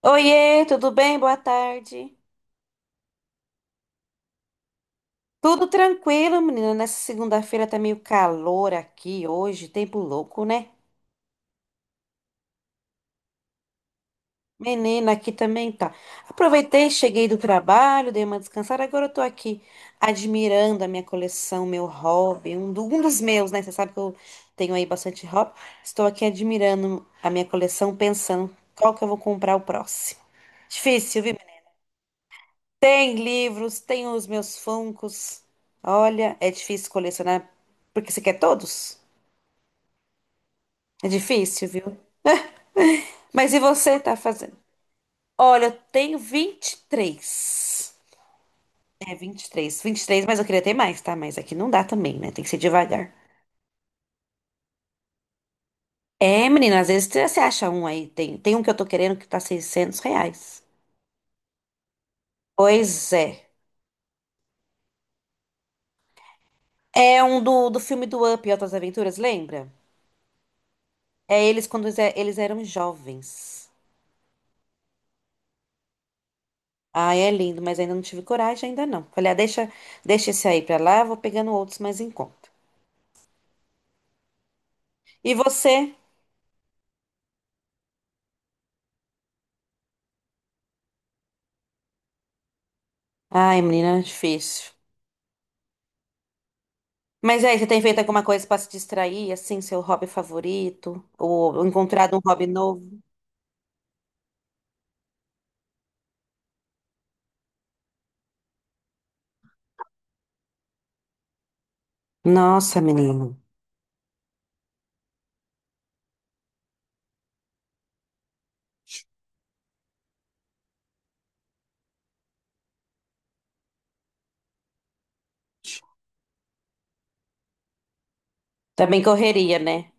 Oiê, tudo bem? Boa tarde. Tudo tranquilo, menina. Nessa segunda-feira tá meio calor aqui hoje, tempo louco, né? Menina, aqui também tá. Aproveitei, cheguei do trabalho, dei uma descansada. Agora eu tô aqui admirando a minha coleção, meu hobby, um dos meus, né? Você sabe que eu tenho aí bastante hobby. Estou aqui admirando a minha coleção, pensando qual que eu vou comprar o próximo. Difícil, viu? Tem livros, tem os meus Funkos. Olha, é difícil colecionar porque você quer todos? É difícil, viu? Mas e você tá fazendo? Olha, eu tenho 23. É vinte e três. Mas eu queria ter mais, tá? Mas aqui não dá também, né? Tem que ser devagar. É, menina, às vezes você acha um aí. Tem um que eu tô querendo que tá R$ 600. Pois é. É um do filme do Up e Outras Aventuras, lembra? É eles quando eles eram jovens. Ah, é lindo, mas ainda não tive coragem, ainda não. Falei, ah, deixa esse aí pra lá, eu vou pegando outros mais em conta. E você? Ai, menina, é difícil. Mas aí, você tem feito alguma coisa pra se distrair, assim, seu hobby favorito? Ou encontrado um hobby novo? Nossa, menina. Também correria, né?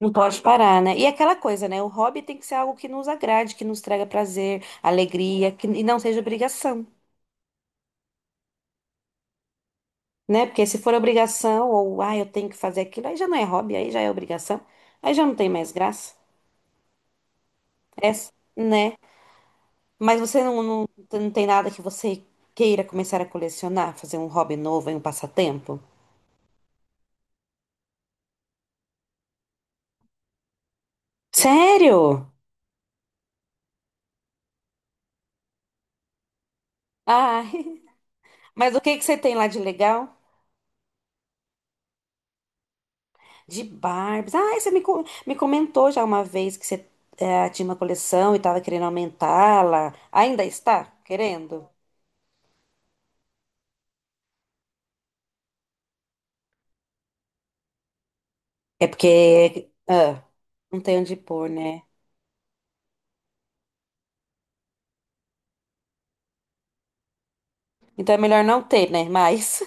Não pode parar, né? E aquela coisa, né? O hobby tem que ser algo que nos agrade, que nos traga prazer, alegria, que, e não seja obrigação. Né? Porque se for obrigação ou ah, eu tenho que fazer aquilo, aí já não é hobby, aí já é obrigação, aí já não tem mais graça, é, né? Mas você não tem nada que você queira começar a colecionar, fazer um hobby novo, aí um passatempo? Sério? Ah, mas o que que você tem lá de legal? De Barbies. Ah, me comentou já uma vez que você tinha uma coleção e estava querendo aumentá-la. Ainda está querendo? É porque ah, não tem onde pôr, né? Então é melhor não ter, né? Mas.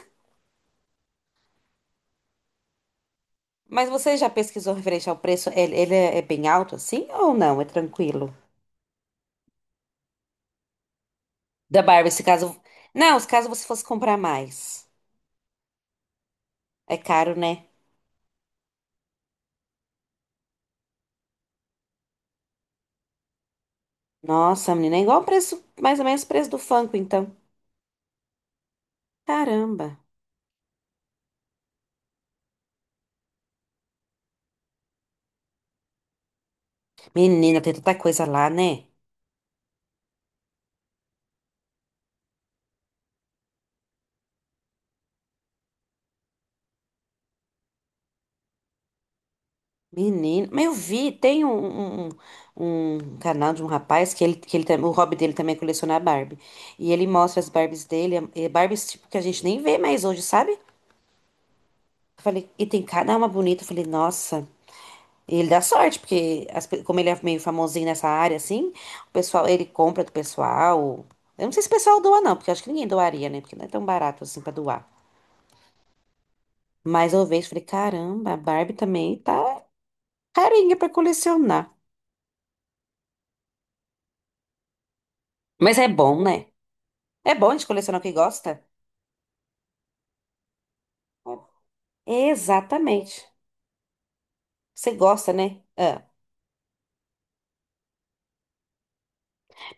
Mas você já pesquisou referente ao preço? Ele é bem alto assim ou não? É tranquilo? Da Barbie, se caso. Não, se caso você fosse comprar mais. É caro, né? Nossa, menina, é igual o preço, mais ou menos o preço do Funko, então. Caramba. Menina, tem tanta coisa lá, né? Menina. Mas eu vi, tem um canal de um rapaz que o hobby dele também é colecionar Barbie. E ele mostra as Barbies dele, é Barbies tipo que a gente nem vê mais hoje, sabe? Falei, e tem cada uma bonita. Eu falei, nossa. E ele dá sorte, como ele é meio famosinho nessa área, assim, o pessoal, ele compra do pessoal. Eu não sei se o pessoal doa, não, porque eu acho que ninguém doaria, né? Porque não é tão barato assim pra doar. Mas eu vejo, e falei, caramba, a Barbie também tá carinha pra colecionar. Mas é bom, né? É bom de colecionar o que gosta? É, exatamente. Você gosta, né? Ah.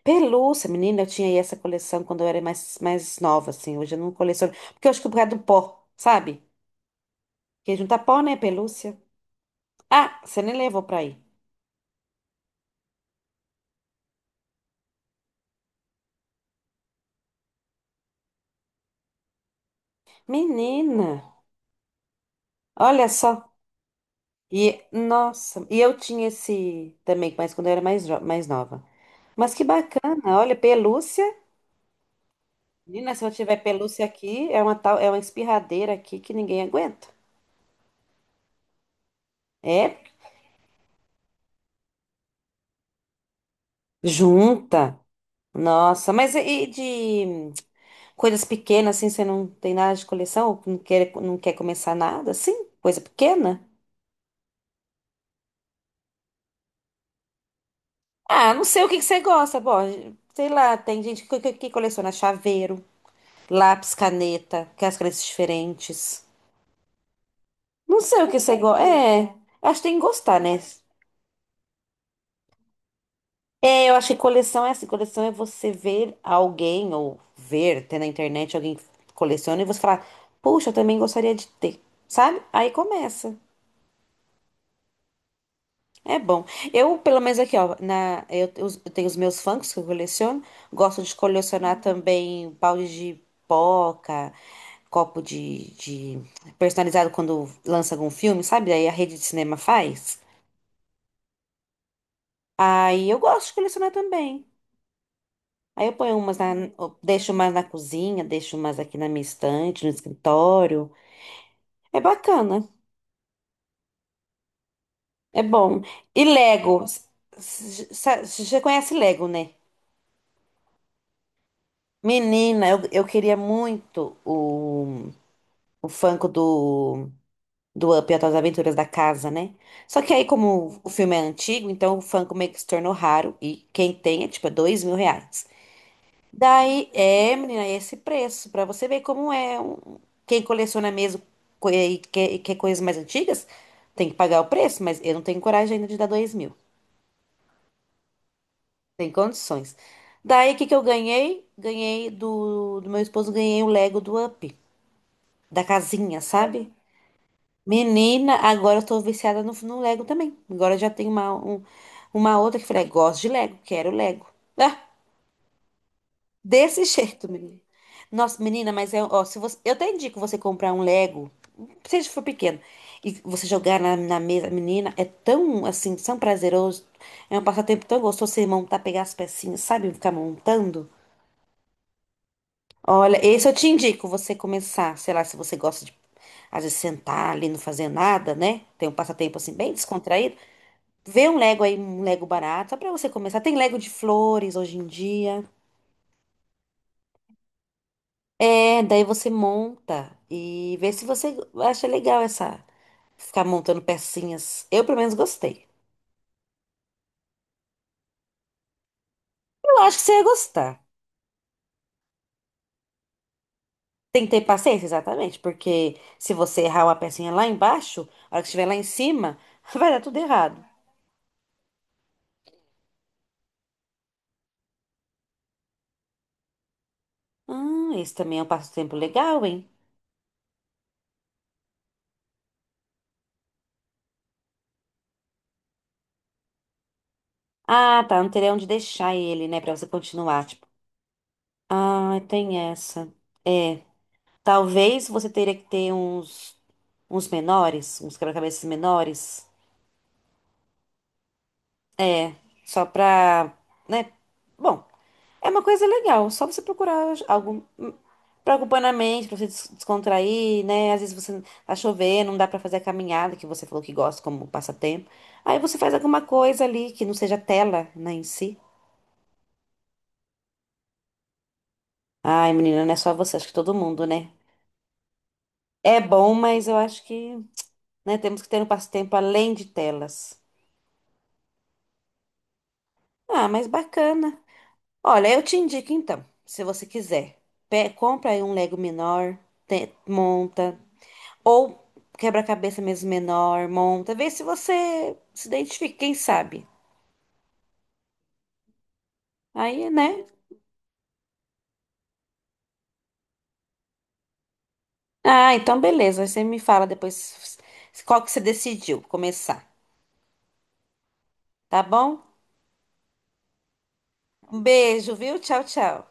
Pelúcia, menina, eu tinha aí essa coleção quando eu era mais nova, assim. Hoje eu não coleciono. Porque eu acho que é por causa do pó, sabe? Que juntar pó, né? Pelúcia. Ah, você nem levou pra aí. Menina, olha só. E, nossa, e eu tinha esse também, mas quando eu era mais nova. Mas que bacana, olha, pelúcia. Menina, se eu tiver pelúcia aqui, é uma tal, é uma espirradeira aqui que ninguém aguenta. É, junta. Nossa, mas e de coisas pequenas, assim, você não tem nada de coleção? Não quer começar nada, assim? Coisa pequena? Ah, não sei o que que você gosta, bom, sei lá, tem gente que coleciona chaveiro, lápis, caneta, que é as cores diferentes. Não sei o que você gosta. É, acho que tem que gostar, né? É, eu acho que coleção é assim, coleção é você ver alguém ou ver, ter na internet alguém que coleciona e você falar, puxa, eu também gostaria de ter, sabe? Aí começa. É bom. Eu, pelo menos aqui, ó, na, eu, te- os- Eu tenho os meus Funkos que eu coleciono. Gosto de colecionar também balde de pipoca, copo de, de- personalizado quando lança algum filme, sabe? Aí a rede de cinema faz. Aí eu gosto de colecionar também. Aí eu ponho umas na, eu deixo umas na cozinha, deixo umas aqui na minha estante, no escritório. É bacana, é bom. E Lego, você conhece Lego, né? Menina, eu queria muito o Funko do, do Up e as Aventuras da Casa, né? Só que aí, como o filme é antigo, então o Funko meio que se tornou raro. E quem tem é tipo R$ 2.000. Daí, é, menina, é esse preço, pra você ver como é. Quem coleciona mesmo e quer coisas mais antigas, tem que pagar o preço, mas eu não tenho coragem ainda de dar 2.000. Tem condições. Daí, o que que eu ganhei? Ganhei do meu esposo, ganhei o Lego do Up. Da casinha, sabe? Menina, agora eu tô viciada no Lego também. Agora eu já tenho uma outra que eu falei, gosto de Lego, quero Lego. Ah, desse jeito, menina. Nossa, menina, mas é, ó, se você, eu até indico você comprar um Lego, seja for pequeno, e você jogar na mesa, menina, é tão, assim, tão prazeroso, é um passatempo tão gostoso você montar, pegar as pecinhas, sabe? Ficar montando. Olha, esse eu te indico você começar, sei lá, se você gosta de às vezes sentar ali, não fazer nada, né? Tem um passatempo assim bem descontraído. Vê um Lego aí, um Lego barato, só pra você começar. Tem Lego de flores hoje em dia. É, daí você monta e vê se você acha legal essa ficar montando pecinhas. Eu pelo menos gostei. Eu acho que você ia gostar. Tem que ter paciência, exatamente, porque se você errar uma pecinha lá embaixo, a hora que estiver lá em cima, vai dar tudo errado. Ah, esse também é um passatempo legal, hein? Ah, tá, não teria onde deixar ele, né, pra você continuar. Ah, tem essa. É. Talvez você teria que ter uns menores, uns quebra-cabeças menores. É. Só pra, né? Bom, é uma coisa legal. Só você procurar algo pra ocupar na mente, pra você descontrair, né? Às vezes você tá chovendo, não dá pra fazer a caminhada que você falou que gosta como passatempo. Aí você faz alguma coisa ali que não seja tela, né, em si. Ai, menina, não é só você, acho que todo mundo, né? É bom, mas eu acho que né? Temos que ter um passatempo além de telas. Ah, mas bacana. Olha, eu te indico então, se você quiser, compra aí um Lego menor, monta, ou quebra-cabeça mesmo menor, monta, vê se você se identifica, quem sabe. Aí, né? Ah, então beleza, aí você me fala depois qual que você decidiu começar, tá bom? Um beijo, viu? Tchau, tchau.